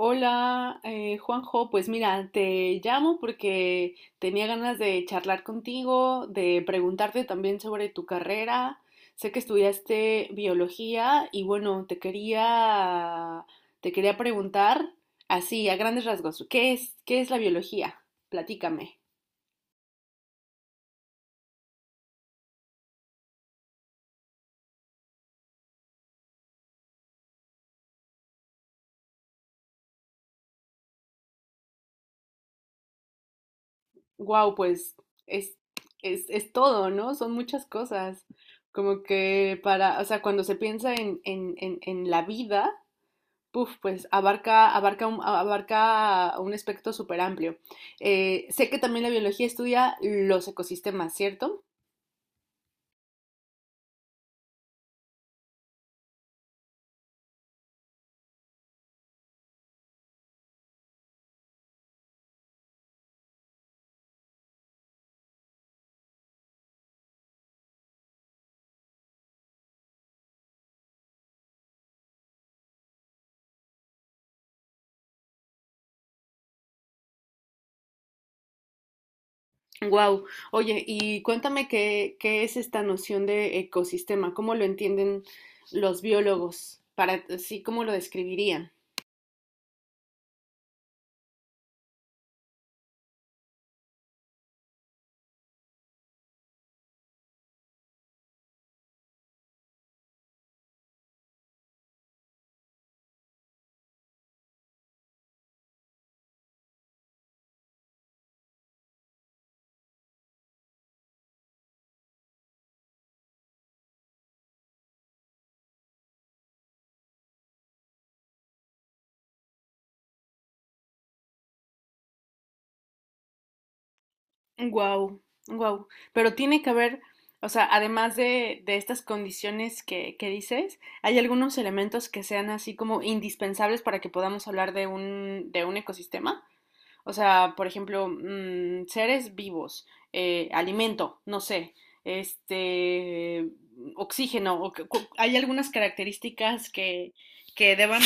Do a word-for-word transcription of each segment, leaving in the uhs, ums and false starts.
Hola, eh, Juanjo, pues mira, te llamo porque tenía ganas de charlar contigo, de preguntarte también sobre tu carrera. Sé que estudiaste biología y bueno, te quería te quería preguntar así a grandes rasgos, ¿qué es qué es la biología? Platícame. Wow, pues es es es todo, ¿no? Son muchas cosas. Como que para, o sea, cuando se piensa en en en en la vida. Uf, pues abarca, abarca un, a- abarca un espectro súper amplio. Eh, sé que también la biología estudia los ecosistemas, ¿cierto? Wow. Oye, y cuéntame qué, qué es esta noción de ecosistema, cómo lo entienden los biólogos, para sí, cómo lo describirían. Wow, wow. Pero tiene que haber, o sea, además de, de estas condiciones que, que dices, ¿hay algunos elementos que sean así como indispensables para que podamos hablar de un, de un ecosistema? O sea, por ejemplo, mm, seres vivos, eh, alimento, no sé, este, oxígeno, o que- cu- hay algunas características que, que deban.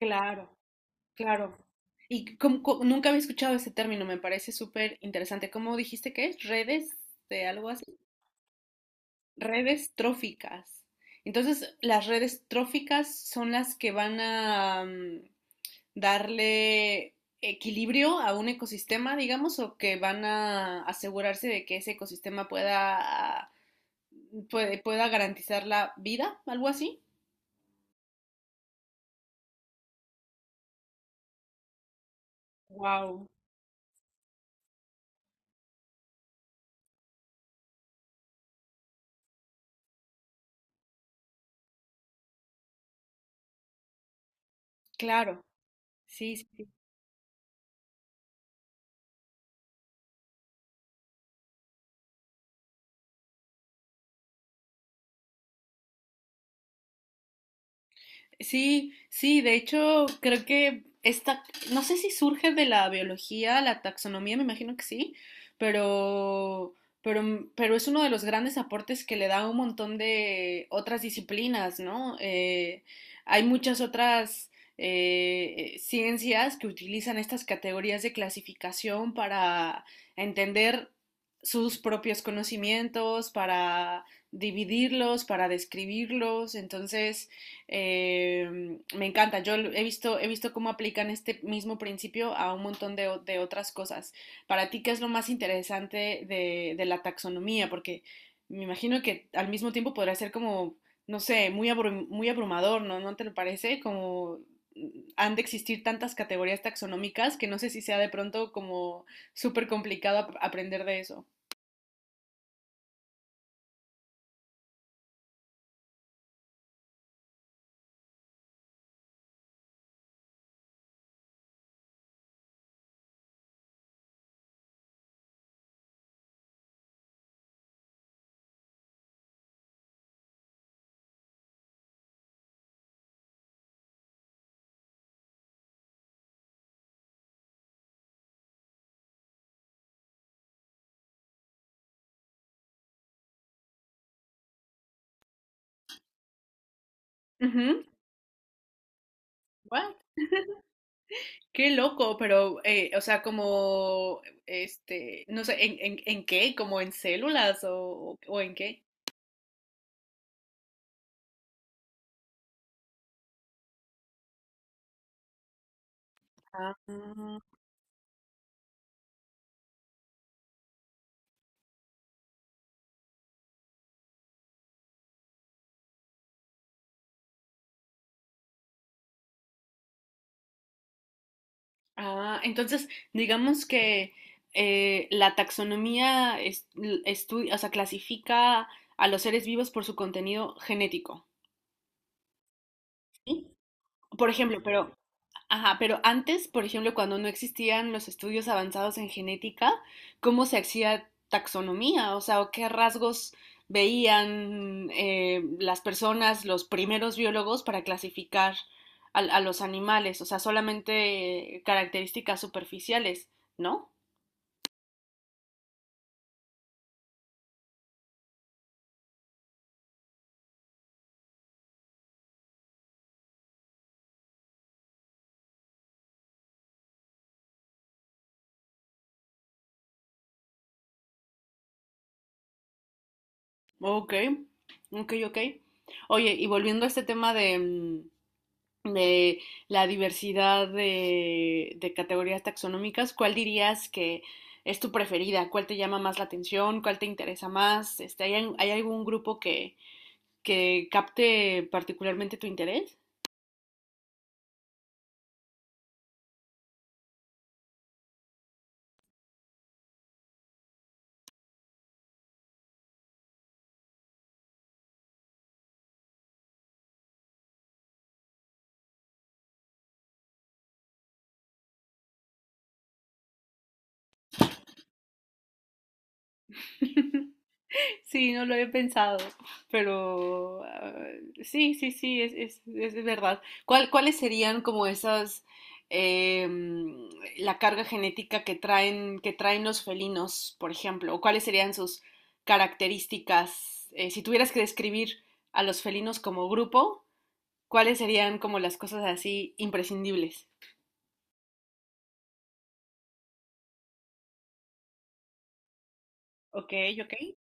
Claro, claro. Y como- co- nunca había escuchado ese término, me parece súper interesante. ¿Cómo dijiste que es? Redes de algo así. Redes tróficas. Entonces, las redes tróficas son las que van a, mm, darle equilibrio a un ecosistema, digamos, o que van a asegurarse de que ese ecosistema pueda, puede- pueda garantizar la vida, algo así. Wow, claro, sí, sí, sí, sí, de hecho, creo que esta, no sé si surge de la biología, la taxonomía, me imagino que sí, pero, pero, m- pero es uno de los grandes aportes que le da a un montón de otras disciplinas, ¿no? Eh, hay muchas otras eh, eh, ciencias que utilizan estas categorías de clasificación para entender sus propios conocimientos, para dividirlos, para describirlos, entonces. Eh, me encanta, yo he visto, he visto cómo aplican este mismo principio a un montón de, de otras cosas. Para ti, ¿qué es lo más interesante de, de la taxonomía? Porque me imagino que al mismo tiempo podrá ser como, no sé, muy, abru- muy abrumador, ¿no? ¿No te lo parece? Como mm, han de existir tantas categorías taxonómicas que no sé si sea de pronto como súper complicado ap- aprender de eso. Ujú. Qué loco, pero, eh, o sea, como, este, no sé, ¿en, en, en qué? ¿Como en células o, o en qué? Ah, ah, entonces, digamos que eh, la taxonomía es- l- estu- o sea, clasifica a los seres vivos por su contenido genético. ¿sí? Por ejemplo, pero. Ajá, pero antes, por ejemplo, cuando no existían los estudios avanzados en genética, ¿cómo se hacía taxonomía? O sea, ¿o ¿qué rasgos veían eh, las personas, los primeros biólogos, para clasificar a, a los animales? O sea, solamente eh, características superficiales, ¿no? Ok, ok, ok. Oye, y volviendo a este tema de, mm, de la diversidad de, de categorías taxonómicas, ¿cuál dirías que es tu preferida? ¿Cuál te llama más la atención? ¿Cuál te interesa más? Este, ¿hay, hay algún grupo que, que capte particularmente tu interés? Sí, no lo he pensado, pero ah, sí, sí, sí, es, es, es verdad. ¿Cuál, cuáles serían como esas, em, la carga genética que traen, que traen los felinos, por ejemplo? ¿O cuáles serían sus características? Eh, si tuvieras que describir a los felinos como grupo, ¿cuáles serían como las cosas así imprescindibles? Ok, ok.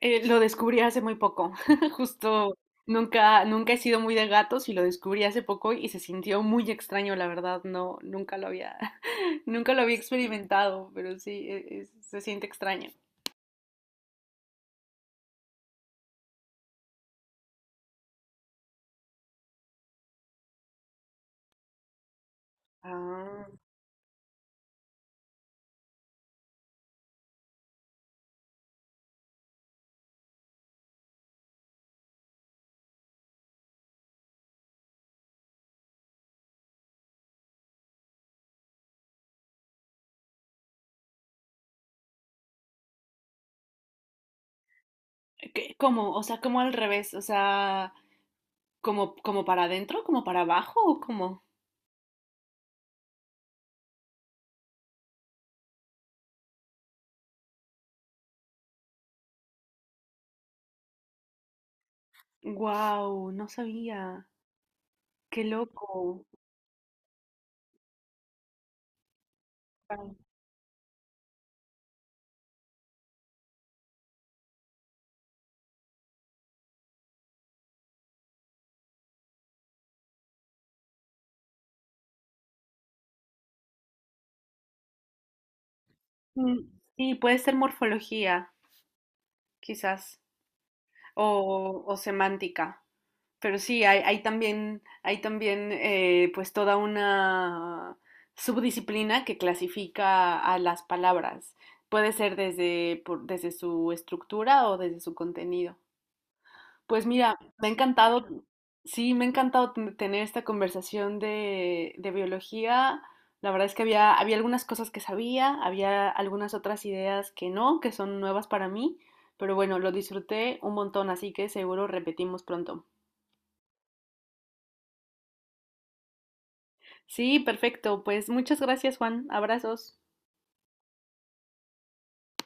Eh, lo descubrí hace muy poco, justo nunca, nunca he sido muy de gatos y lo descubrí hace poco y se sintió muy extraño, la verdad, no, nunca lo había, nunca lo había experimentado, pero sí, e- es- se siente extraño. Ah, ¿qué- cómo? O sea, ¿como al revés, o sea, como, como para adentro, como para abajo o cómo? Wow, no sabía. Qué loco. Guau. Mm, Sí, puede ser morfología, quizás, o, o semántica. Pero sí, hay, hay también, hay también eh, pues toda una subdisciplina que clasifica a las palabras. Puede ser desde, por- desde su estructura o desde su contenido. Pues mira, me ha encantado, sí, me ha encantado ten- tener esta conversación de, de biología. La verdad es que había, había algunas cosas que sabía, había algunas otras ideas que no, que son nuevas para mí, pero bueno, lo disfruté un montón, así que seguro repetimos pronto. Sí, perfecto. Pues muchas gracias, Juan. Abrazos.